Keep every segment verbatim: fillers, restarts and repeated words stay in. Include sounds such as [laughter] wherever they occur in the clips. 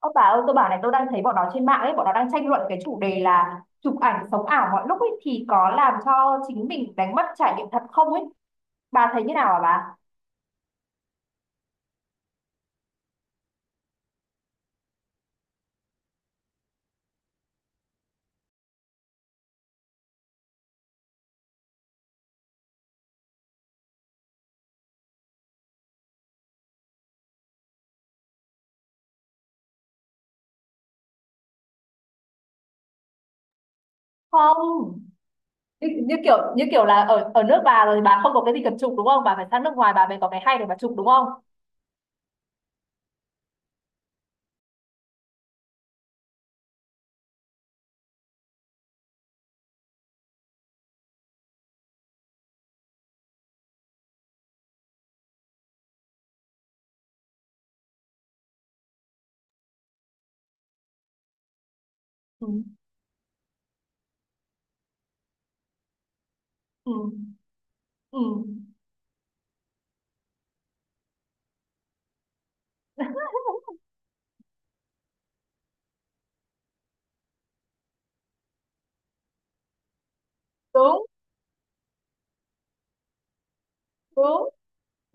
Ơ bà ơi, tôi bảo này, tôi đang thấy bọn nó trên mạng ấy, bọn nó đang tranh luận cái chủ đề là chụp ảnh sống ảo mọi lúc ấy thì có làm cho chính mình đánh mất trải nghiệm thật không ấy. Bà thấy như nào hả bà? Không. Như, như kiểu như kiểu là ở ở nước bà rồi bà không có cái gì cần chụp, đúng không? Bà phải sang nước ngoài bà mới có cái hay để bà chụp, đúng không? Ừ. Ừ. Ừ. Đúng, đúng.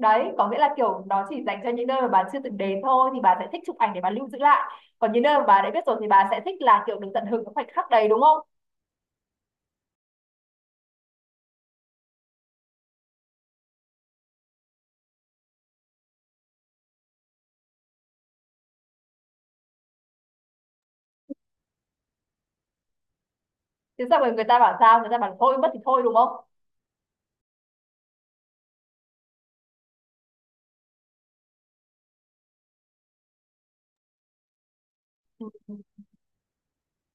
Đấy, có nghĩa là kiểu nó chỉ dành cho những nơi mà bà chưa từng đến thôi thì bà sẽ thích chụp ảnh để bà lưu giữ lại. Còn những nơi mà bà đã biết rồi thì bà sẽ thích là kiểu được tận hưởng cái khoảnh khắc đấy, đúng không? Thế sao rồi người ta bảo, sao người ta bảo thôi mất thì thôi đúng không? Ừ.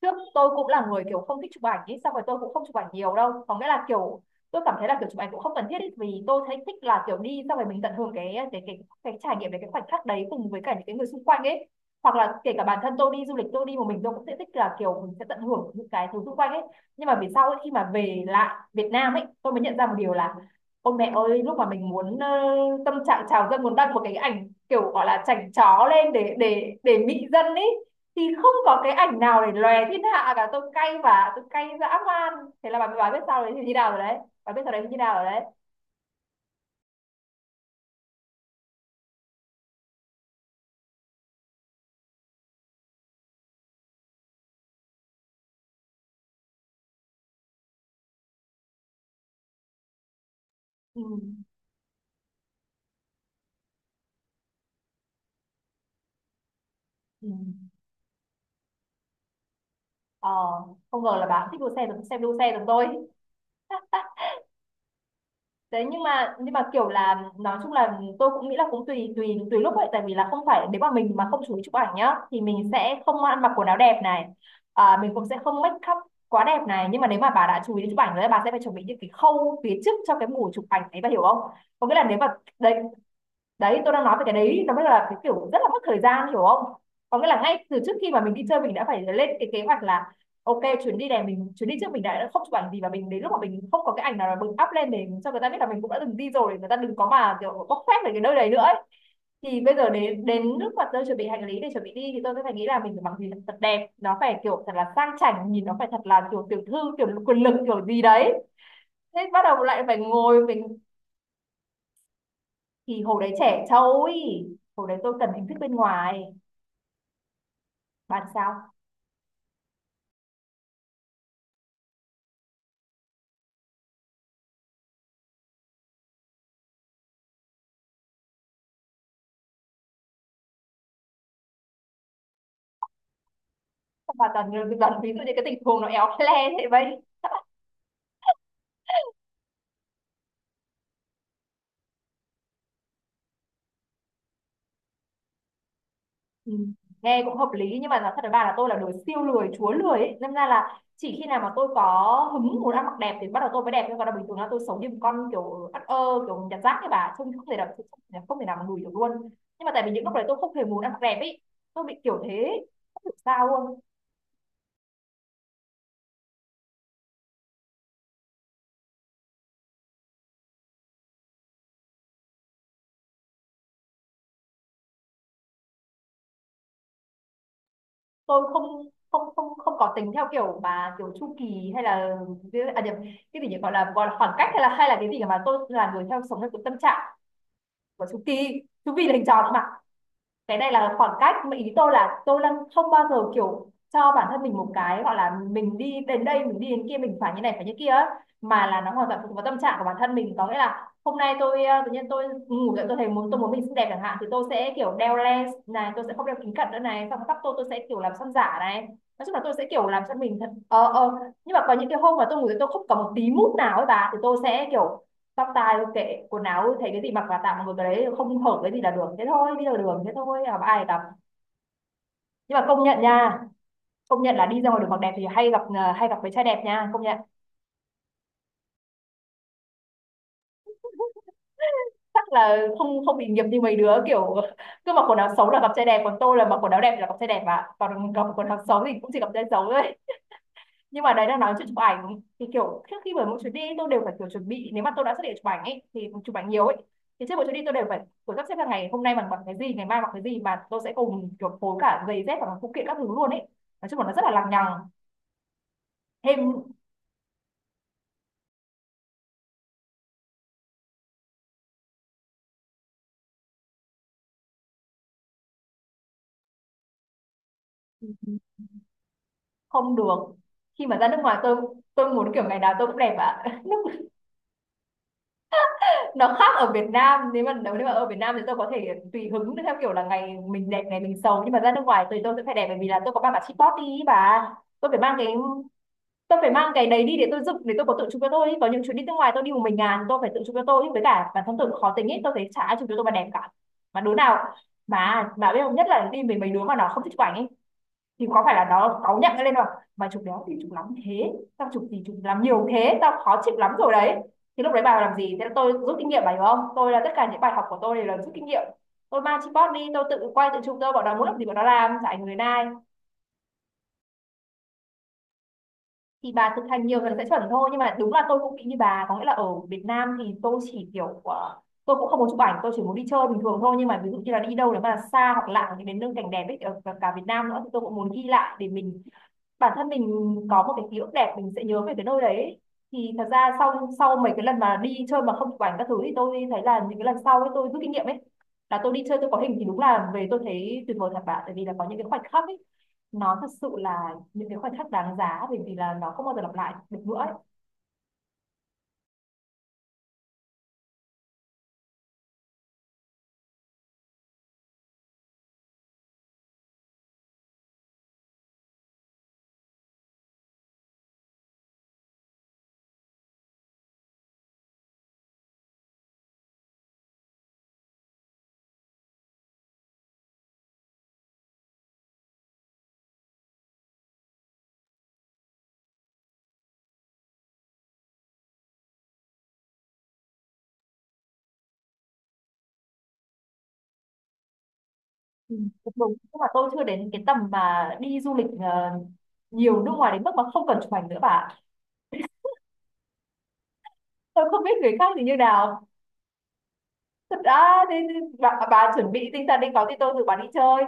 Trước tôi cũng là người kiểu không thích chụp ảnh ấy, xong rồi tôi cũng không chụp ảnh nhiều đâu, có nghĩa là kiểu tôi cảm thấy là kiểu chụp ảnh cũng không cần thiết ý, vì tôi thấy thích là kiểu đi xong rồi mình tận hưởng cái cái cái cái trải nghiệm đấy, cái khoảnh khắc đấy cùng với cả những cái người xung quanh ấy, hoặc là kể cả bản thân tôi đi du lịch tôi đi một mình tôi cũng sẽ thích là kiểu mình sẽ tận hưởng những cái thứ xung quanh ấy. Nhưng mà về sau ấy, khi mà về lại Việt Nam ấy, tôi mới nhận ra một điều là ôi mẹ ơi, lúc mà mình muốn ờ, tâm trạng trào dâng muốn đăng một cái ảnh kiểu gọi là chảnh chó lên để để để mị dân ấy, thì không có cái ảnh nào để lòe thiên hạ cả. Tôi cay, và tôi cay dã man. Thế là bà mới, bà biết sao đấy thì như nào rồi đấy, bà biết sao đấy thì như nào rồi đấy. Ừ. Ừ. ờ Không ngờ là bà cũng thích đua xe, giống xem đua xe giống tôi. Thế nhưng mà, nhưng mà kiểu là nói chung là tôi cũng nghĩ là cũng tùy tùy tùy lúc vậy, tại vì là không phải nếu mà mình mà không chú ý chụp ảnh nhá thì mình sẽ không ăn mặc quần áo đẹp này, à, mình cũng sẽ không make up quá đẹp này, nhưng mà nếu mà bà đã chú ý đến chụp ảnh rồi bà sẽ phải chuẩn bị những cái khâu phía trước cho cái mùa chụp ảnh ấy, bà hiểu không? Có nghĩa là nếu mà, đấy, đấy, tôi đang nói về cái đấy, nó mới là cái kiểu rất là mất thời gian, hiểu không? Có nghĩa là ngay từ trước khi mà mình đi chơi mình đã phải lên cái kế hoạch là ok, chuyến đi này mình, chuyến đi trước mình đã không chụp ảnh gì, và mình đến lúc mà mình không có cái ảnh nào là mình up lên để cho người ta biết là mình cũng đã từng đi rồi, để người ta đừng có mà kiểu bóc phét về cái nơi đấy nữa ấy. Thì bây giờ đến, đến lúc mà tôi chuẩn bị hành lý để chuẩn bị đi thì tôi sẽ phải nghĩ là mình phải mặc gì thật đẹp, nó phải kiểu thật là sang chảnh, nhìn nó phải thật là kiểu tiểu thư, kiểu quyền lực kiểu gì đấy. Thế bắt đầu lại phải ngồi mình. Thì hồi đấy trẻ trâu ý, hồi đấy tôi cần hình thức bên ngoài. Bạn sao. Sao bà toàn, toàn ví dụ như cái tình huống nó éo le thế vậy? [laughs] Ừ. Nghe cũng hợp lý, nhưng mà nói thật với bà là tôi là đứa siêu lười, chúa lười ấy. Nên ra là chỉ khi nào mà tôi có hứng muốn ăn mặc đẹp thì bắt đầu tôi mới đẹp, nhưng còn là bình thường là tôi sống như một con kiểu ất ơ, kiểu nhặt rác ấy, bà trông không thể nào, không thể nào mà lùi được luôn. Nhưng mà tại vì những lúc đấy tôi không hề muốn ăn mặc đẹp ấy, tôi bị kiểu thế, không hiểu sao luôn. Tôi không, không không không có tính theo kiểu mà kiểu chu kỳ, hay là, à nhầm, cái gì nhỉ, gọi là, gọi là khoảng cách, hay là, hay là cái gì, mà tôi là người theo sống theo cái tâm trạng của, chu kỳ, chu kỳ là hình tròn nữa mà. Cái này là khoảng cách mà. Ý tôi là tôi đang không bao giờ kiểu cho bản thân mình một cái gọi là mình đi đến đây mình đi đến kia mình phải như này phải như kia ấy, mà là nó hoàn toàn phụ vào tâm trạng của bản thân mình. Có nghĩa là hôm nay tôi, ờ, tự nhiên tôi ngủ dậy tôi thấy muốn, tôi muốn mình xinh đẹp chẳng hạn, thì tôi sẽ kiểu đeo lens này, tôi sẽ không đeo kính cận nữa này, xong tóc tôi tôi sẽ kiểu làm son giả này, nói chung là tôi sẽ kiểu làm cho mình thật ờ ờ nhưng mà có những cái hôm mà tôi ngủ dậy tôi không có một tí mút nào ấy bà, thì tôi sẽ kiểu tóc tai kệ, quần áo thấy cái gì mặc vào, tạm một cái đấy không hợp cái gì là được, thế thôi, đi ra đường thế thôi, à, mà ai gặp. Nhưng mà công nhận nha, công nhận là đi ra ngoài đường mặc đẹp thì hay gặp, à, hay gặp với trai đẹp nha, công nhận. Chắc là không, không bị nghiệp như mấy đứa kiểu cứ mặc quần áo xấu là gặp trai đẹp, còn tôi là mặc quần áo đẹp thì là gặp trai đẹp ạ, còn gặp quần áo xấu thì cũng chỉ gặp trai xấu thôi. Nhưng mà đấy, đang nói chuyện chụp ảnh, thì kiểu trước khi, bởi mỗi chuyến đi tôi đều phải kiểu chuẩn bị, nếu mà tôi đã xác định chụp ảnh ấy thì chụp ảnh nhiều ấy, thì trước mỗi chuyến đi tôi đều phải kiểu sắp xếp là ngày hôm nay bằng, bằng cái gì, ngày mai bằng cái gì, mà tôi sẽ cùng kiểu phối cả giày dép và cả phụ kiện các thứ luôn ấy. Nói chung là nó rất là lằng nhằng. Thêm. Không được. Khi mà ra nước ngoài tôi tôi muốn kiểu ngày nào tôi cũng đẹp ạ. [laughs] Nước nó khác, ở Việt Nam, nếu mà, nếu mà ở Việt Nam thì tôi có thể tùy hứng theo kiểu là ngày mình đẹp ngày mình xấu, nhưng mà ra nước ngoài thì tôi sẽ phải đẹp, bởi vì là tôi có ba bà chị đi và, tôi phải mang cái tôi phải mang cái đấy đi để tôi dựng, để tôi có tự chụp cho tôi ý. Có những chuyến đi nước ngoài tôi đi một mình ngàn, tôi phải tự chụp cho tôi ý. Với cả bản thân tôi cũng khó tính ấy, tôi thấy chả ai chụp cho tôi mà đẹp cả. Mà đứa nào, mà mà biết không, nhất là đi mình mấy đứa mà nó không thích chụp ảnh ấy, thì có phải là nó cáu nhận lên không: mà chụp đéo thì chụp lắm thế, tao chụp gì chụp làm nhiều thế, tao khó chịu lắm rồi đấy. Thì lúc đấy bà làm gì, thế là tôi rút kinh nghiệm, bà hiểu không, tôi là tất cả những bài học của tôi đều là rút kinh nghiệm. Tôi mang tripod đi, tôi tự quay tự chụp tôi, bọn nó muốn làm gì bọn nó làm, chả ảnh người này. Thì bà thực hành nhiều lần sẽ chuẩn thôi. Nhưng mà đúng là tôi cũng bị như bà, có nghĩa là ở Việt Nam thì tôi chỉ kiểu ờ, tôi cũng không muốn chụp ảnh, tôi chỉ muốn đi chơi bình thường thôi, nhưng mà ví dụ như là đi đâu nếu mà xa hoặc lạ, những đến nơi cảnh đẹp ấy, ở cả, cả Việt Nam nữa, thì tôi cũng muốn ghi lại để mình, bản thân mình có một cái ký ức đẹp, mình sẽ nhớ về cái nơi đấy. Thì thật ra sau, sau mấy cái lần mà đi chơi mà không chụp ảnh các thứ thì tôi thấy là những cái lần sau ấy tôi rút kinh nghiệm ấy, là tôi đi chơi tôi có hình thì đúng là về tôi thấy tuyệt vời thật bạn, tại vì là có những cái khoảnh khắc ấy nó thật sự là những cái khoảnh khắc đáng giá, bởi vì là nó không bao giờ lặp lại được nữa ấy. Ừ. Cũng đúng nhưng mà tôi chưa đến cái tầm mà đi du lịch ờ, nhiều nước ngoài đến mức mà không cần chụp ảnh nữa bạn. Tôi không biết người khác thì như nào. Thật ra thì thì bà, bà chuẩn bị tinh thần đi, có thì tôi rủ bà đi chơi.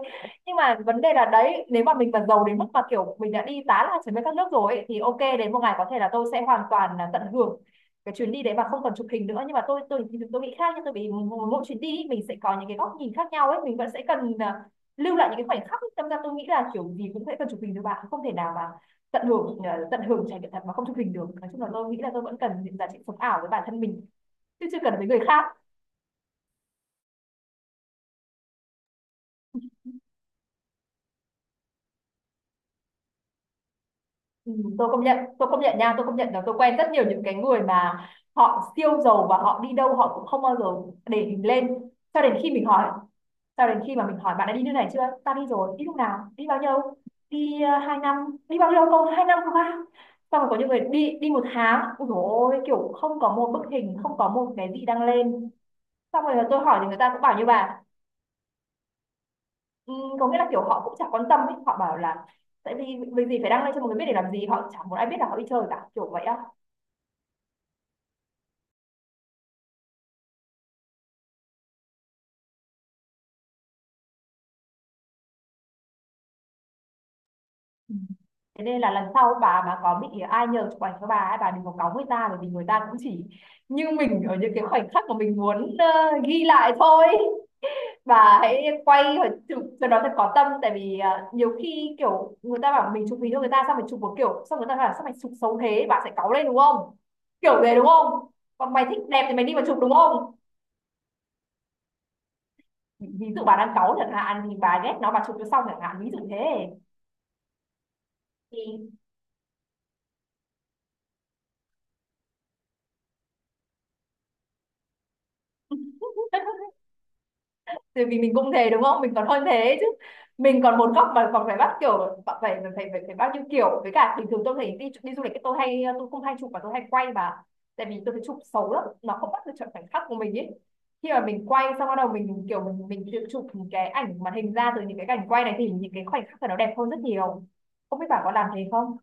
Nhưng mà vấn đề là đấy, nếu mà mình mà giàu đến mức mà kiểu mình đã đi tá là chuẩn bị các nước rồi ấy, thì ok, đến một ngày có thể là tôi sẽ hoàn toàn là tận hưởng cái chuyến đi đấy mà không cần chụp hình nữa. Nhưng mà tôi tôi tôi nghĩ khác, nhưng tôi bị mỗi mỗi chuyến đi mình sẽ có những cái góc nhìn khác nhau ấy, mình vẫn sẽ cần à, lưu lại những cái khoảnh khắc ấy. Tâm ra tôi nghĩ là kiểu gì cũng sẽ cần chụp hình được bạn, không thể nào mà tận hưởng à, tận hưởng trải nghiệm thật mà không chụp hình được. Nói chung là tôi nghĩ là tôi vẫn cần những giá trị sống ảo với bản thân mình, chứ chưa cần với người khác. Ừ, tôi công nhận, tôi công nhận nha, tôi công nhận là tôi quen rất nhiều những cái người mà họ siêu giàu và họ đi đâu họ cũng không bao giờ để mình lên, cho đến khi mình hỏi. Cho đến khi mà mình hỏi bạn đã đi nước này chưa, ta đi rồi, đi lúc nào, đi bao nhiêu, đi ờ, hai năm, đi bao nhiêu, không, hai năm, không à? Xong rồi có những người đi đi một tháng, ôi dồi ôi, kiểu không có một bức hình, không có một cái gì đăng lên. Xong rồi tôi hỏi thì người ta cũng bảo như bà. Ừ, có nghĩa là kiểu họ cũng chả quan tâm ấy, họ bảo là tại vì vì gì phải đăng lên cho mọi người biết để làm gì, họ chẳng muốn ai biết là họ đi chơi cả, kiểu vậy á. Ừ. Thế nên là lần sau bà mà có bị ai nhờ chụp ảnh cho bà ấy, bà đừng có cáu người ta, bởi vì người ta cũng chỉ như mình ở những cái khoảnh khắc mà mình muốn ờ, ghi lại thôi. Bà hãy quay và chụp cho nó thật có tâm, tại vì ờ, nhiều khi kiểu người ta bảo mình chụp hình cho người ta, xong mình chụp một kiểu, xong người ta bảo sao mày chụp xấu thế, bà sẽ cáu lên đúng không? Kiểu về đúng không? Còn mày thích đẹp thì mày đi mà chụp đúng không? Ví ví dụ bà đang cáu chẳng hạn, thì bà ghét nó bà chụp cho xong chẳng hạn, ví dụ thế thì [laughs] thì vì mình cũng thế đúng không, mình còn hơn thế chứ. Mình còn một góc mà còn phải bắt kiểu phải phải phải phải, phải bao nhiêu kiểu. Với cả bình thường tôi thấy đi đi du lịch tôi hay, tôi không hay chụp mà tôi hay quay mà, tại vì tôi thấy chụp xấu lắm, nó không bắt được chuẩn khoảnh khắc của mình ấy. Khi mà mình quay xong bắt đầu mình kiểu mình mình tự chụp những cái ảnh màn hình ra từ những cái cảnh quay này thì những cái khoảnh khắc của nó đẹp hơn rất nhiều. Không biết bạn có làm thế không,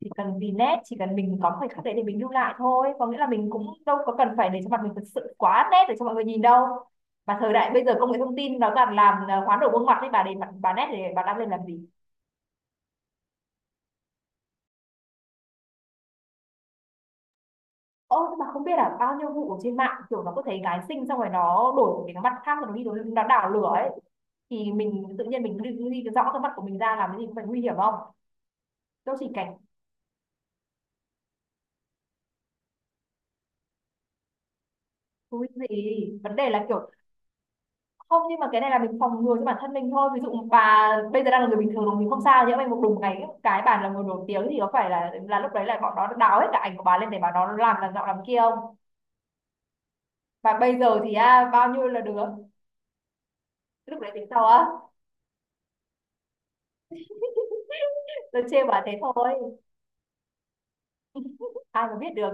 chỉ cần vì nét, chỉ cần mình có khoảnh khắc đấy để mình lưu lại thôi, có nghĩa là mình cũng đâu có cần phải để cho mặt mình thật sự quá nét để cho mọi người nhìn đâu. Mà thời đại bây giờ công nghệ thông tin nó toàn làm à, hoán đổi gương mặt đấy, bà để mặt bà nét để bà đăng lên làm gì? Ô, nhưng mà không biết là bao nhiêu vụ ở trên mạng kiểu nó có thấy gái xinh xong rồi nó đổi một cái mặt khác rồi nó đi đổi, nó đảo lửa ấy, thì mình tự nhiên mình đi ghi cái rõ cái mặt của mình ra làm cái gì, cũng phải nguy hiểm không? Đâu chỉ cảnh thú gì, vấn đề là kiểu không, nhưng mà cái này là mình phòng ngừa cho bản thân mình thôi. Ví dụ bà bây giờ đang là người bình thường rồi mình không sao, nhỡ may một đùng ngày cái bà là người nổi tiếng thì có phải là là lúc đấy là bọn nó đào hết cả ảnh của bà lên để bà nó làm làm giọng làm kia không? Và bây giờ thì à, bao nhiêu là được. Lúc đấy tính sau á. Tôi chê bà thế thôi. [laughs] Ai mà biết được,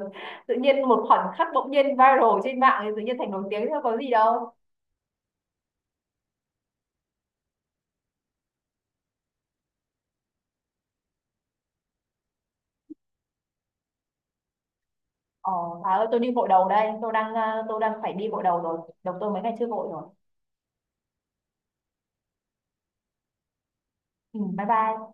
tự nhiên một khoảnh khắc bỗng nhiên viral trên mạng thì tự nhiên thành nổi tiếng thôi, có gì đâu. Ờ, bà ơi tôi đi gội đầu đây, tôi đang à, tôi đang phải đi gội đầu rồi, đầu tôi mấy ngày chưa gội rồi. Ừ, bye bye.